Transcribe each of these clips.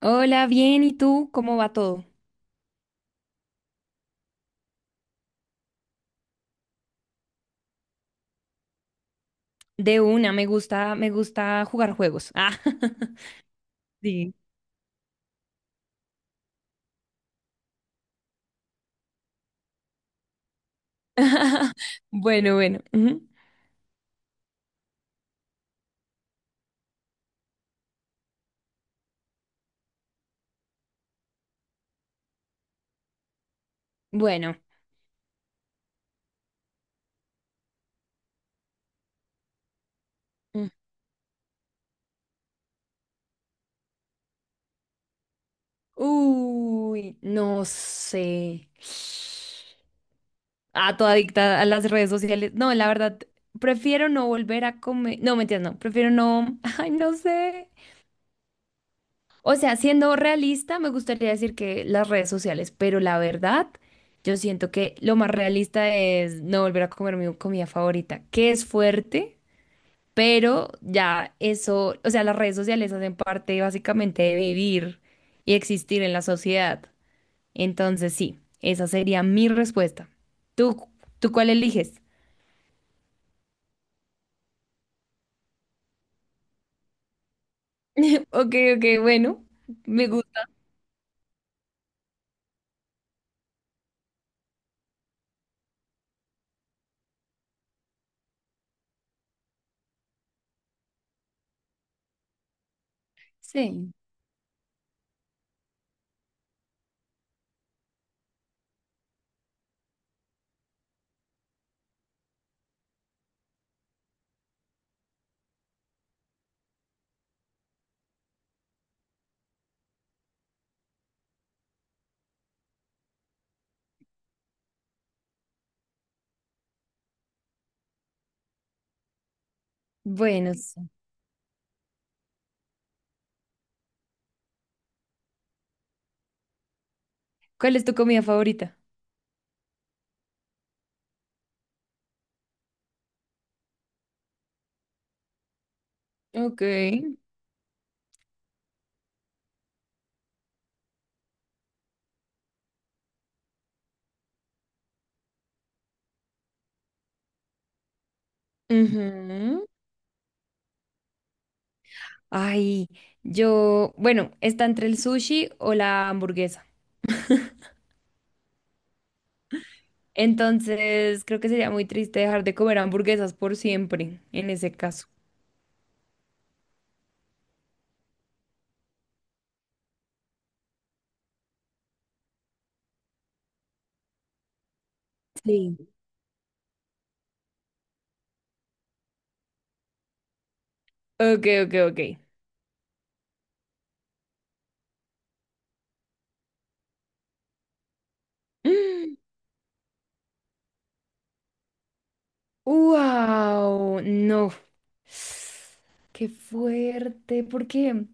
Hola, bien, ¿y tú? ¿Cómo va todo? De una, me gusta jugar juegos. Ah. Sí. Bueno. Ujú. Bueno. mm. Uy, no sé. Ah, toda adicta a las redes sociales. No, la verdad, prefiero no volver a comer. No, mentiras, no. Prefiero no. Ay, no sé. O sea, siendo realista, me gustaría decir que las redes sociales, pero la verdad, yo siento que lo más realista es no volver a comer mi comida favorita, que es fuerte, pero ya eso, o sea, las redes sociales hacen parte básicamente de vivir y existir en la sociedad. Entonces, sí, esa sería mi respuesta. ¿Tú, tú cuál eliges? Ok, ok, bueno, me gusta. Sí. Bueno, sí. ¿Cuál es tu comida favorita? Ok. Ujú. Ay, yo, bueno, está entre el sushi o la hamburguesa. Entonces, creo que sería muy triste dejar de comer hamburguesas por siempre, en ese caso. Sí. Ok, ok, ok. ¡Wow! No. ¡Qué fuerte! Porque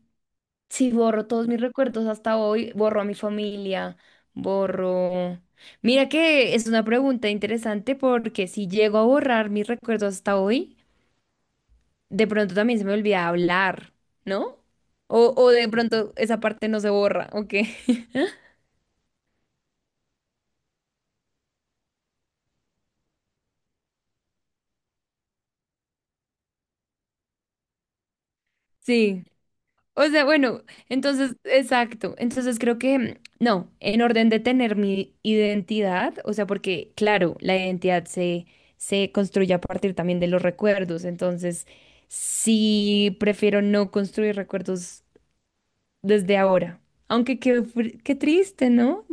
si borro todos mis recuerdos hasta hoy, borro a mi familia, borro... Mira que es una pregunta interesante porque si llego a borrar mis recuerdos hasta hoy, de pronto también se me olvida hablar, ¿no? O de pronto esa parte no se borra, ¿o qué? Sí. O sea, bueno, entonces, exacto. Entonces creo que, no, en orden de tener mi identidad, o sea, porque, claro, se construye a partir también de los recuerdos. Entonces, sí, prefiero no construir recuerdos desde ahora. Aunque qué, qué triste, ¿no?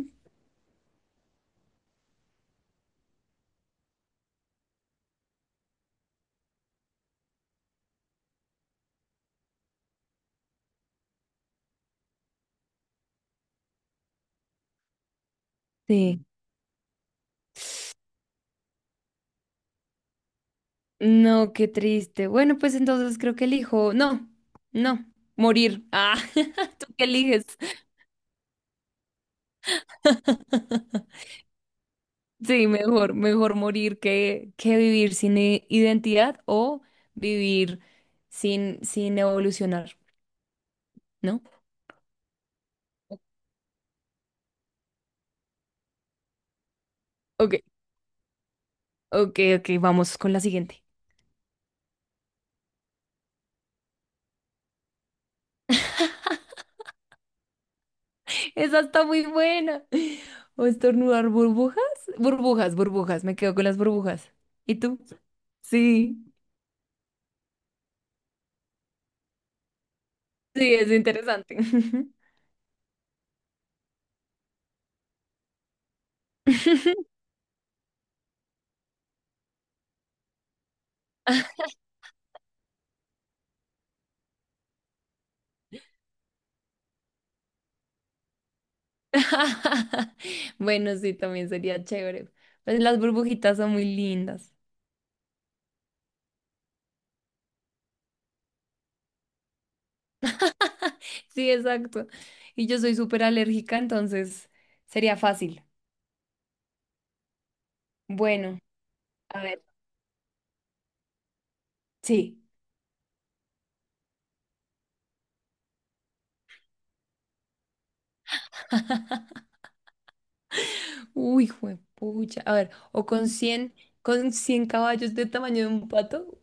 Sí. No, qué triste. Bueno, pues entonces creo que elijo. No, no, morir. Ah, ¿tú qué eliges? Sí, mejor, mejor morir que vivir sin identidad o vivir sin evolucionar, ¿no? Ok, ok, ok, vamos con la siguiente. Esa está muy buena. ¿O estornudar burbujas? Burbujas, burbujas, me quedo con las burbujas. ¿Y tú? Sí, sí, es interesante. Bueno, sí, también sería chévere. Pues las burbujitas son muy lindas. Sí, exacto. Y yo soy súper alérgica, entonces sería fácil. Bueno, a ver, sí. Uy, juepucha. A ver, o con cien caballos de tamaño de un pato.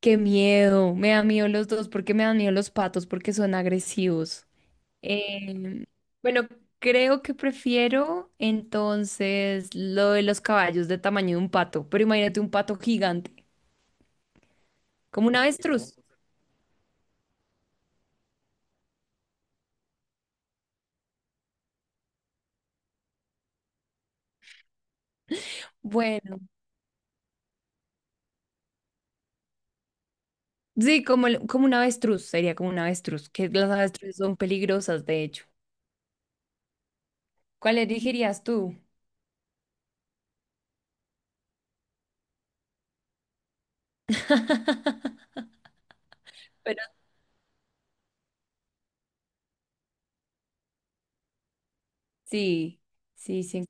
Qué miedo. Me da miedo los dos. ¿Por qué me dan miedo los patos? Porque son agresivos. Eh, bueno, creo que prefiero entonces lo de los caballos de tamaño de un pato, pero imagínate un pato gigante, como un avestruz. Bueno, sí, como, como un avestruz, sería como un avestruz, que las avestruces son peligrosas, de hecho. ¿Cuál elegirías tú? Pero sí, sí, sí.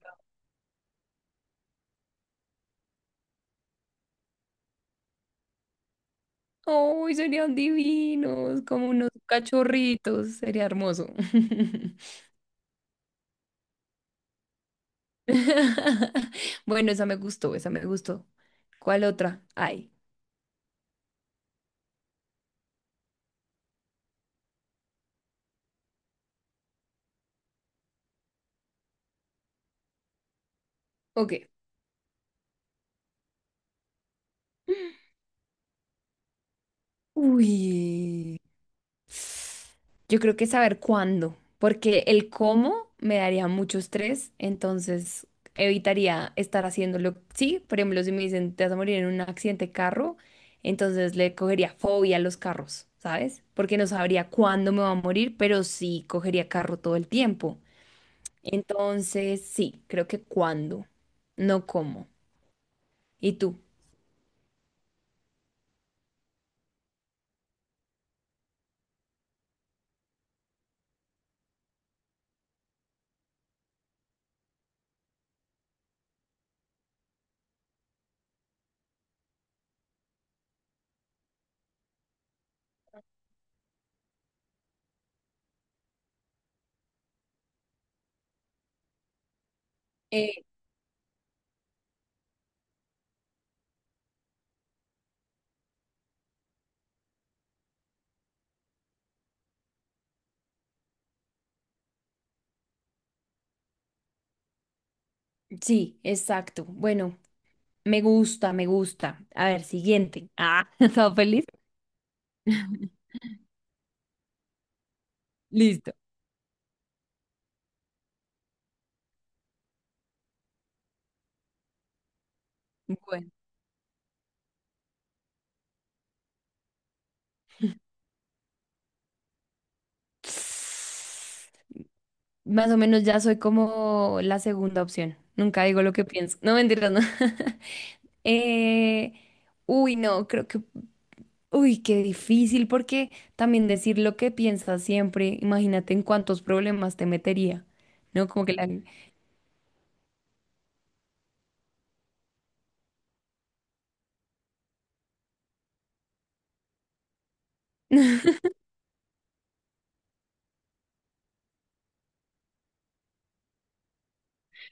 ¡Serían divinos! Como unos cachorritos, sería hermoso. Bueno, esa me gustó, esa me gustó. ¿Cuál otra? Ay. Ok. Uy. Yo creo que saber cuándo, porque el cómo me daría mucho estrés, entonces evitaría estar haciéndolo. Sí, por ejemplo, si me dicen te vas a morir en un accidente de carro, entonces le cogería fobia a los carros, ¿sabes? Porque no sabría cuándo me va a morir, pero sí cogería carro todo el tiempo. Entonces, sí, creo que cuándo, no cómo. ¿Y tú? Eh, sí, exacto. Bueno, me gusta, me gusta. A ver, siguiente. Ah, ¿estaba feliz? Listo. Bueno. Más o menos ya soy como la segunda opción. Nunca digo lo que pienso. No, mentira, no. Eh, uy, no, creo que... Uy, qué difícil, porque también decir lo que piensas siempre, imagínate en cuántos problemas te metería, ¿no? Como que la...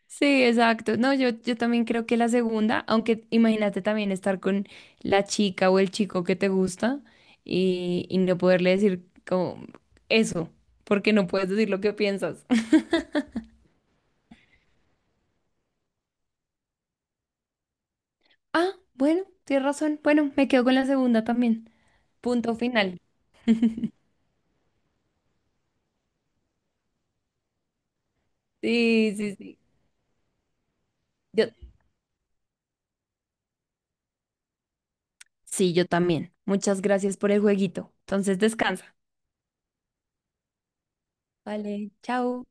Sí, exacto. No, yo también creo que la segunda, aunque imagínate también estar con la chica o el chico que te gusta y no poderle decir como eso, porque no puedes decir lo que piensas. Ah, bueno, tienes razón. Bueno, me quedo con la segunda también. Punto final. Sí, sí, sí. Yo, sí, yo también. Muchas gracias por el jueguito. Entonces descansa. Vale, chao.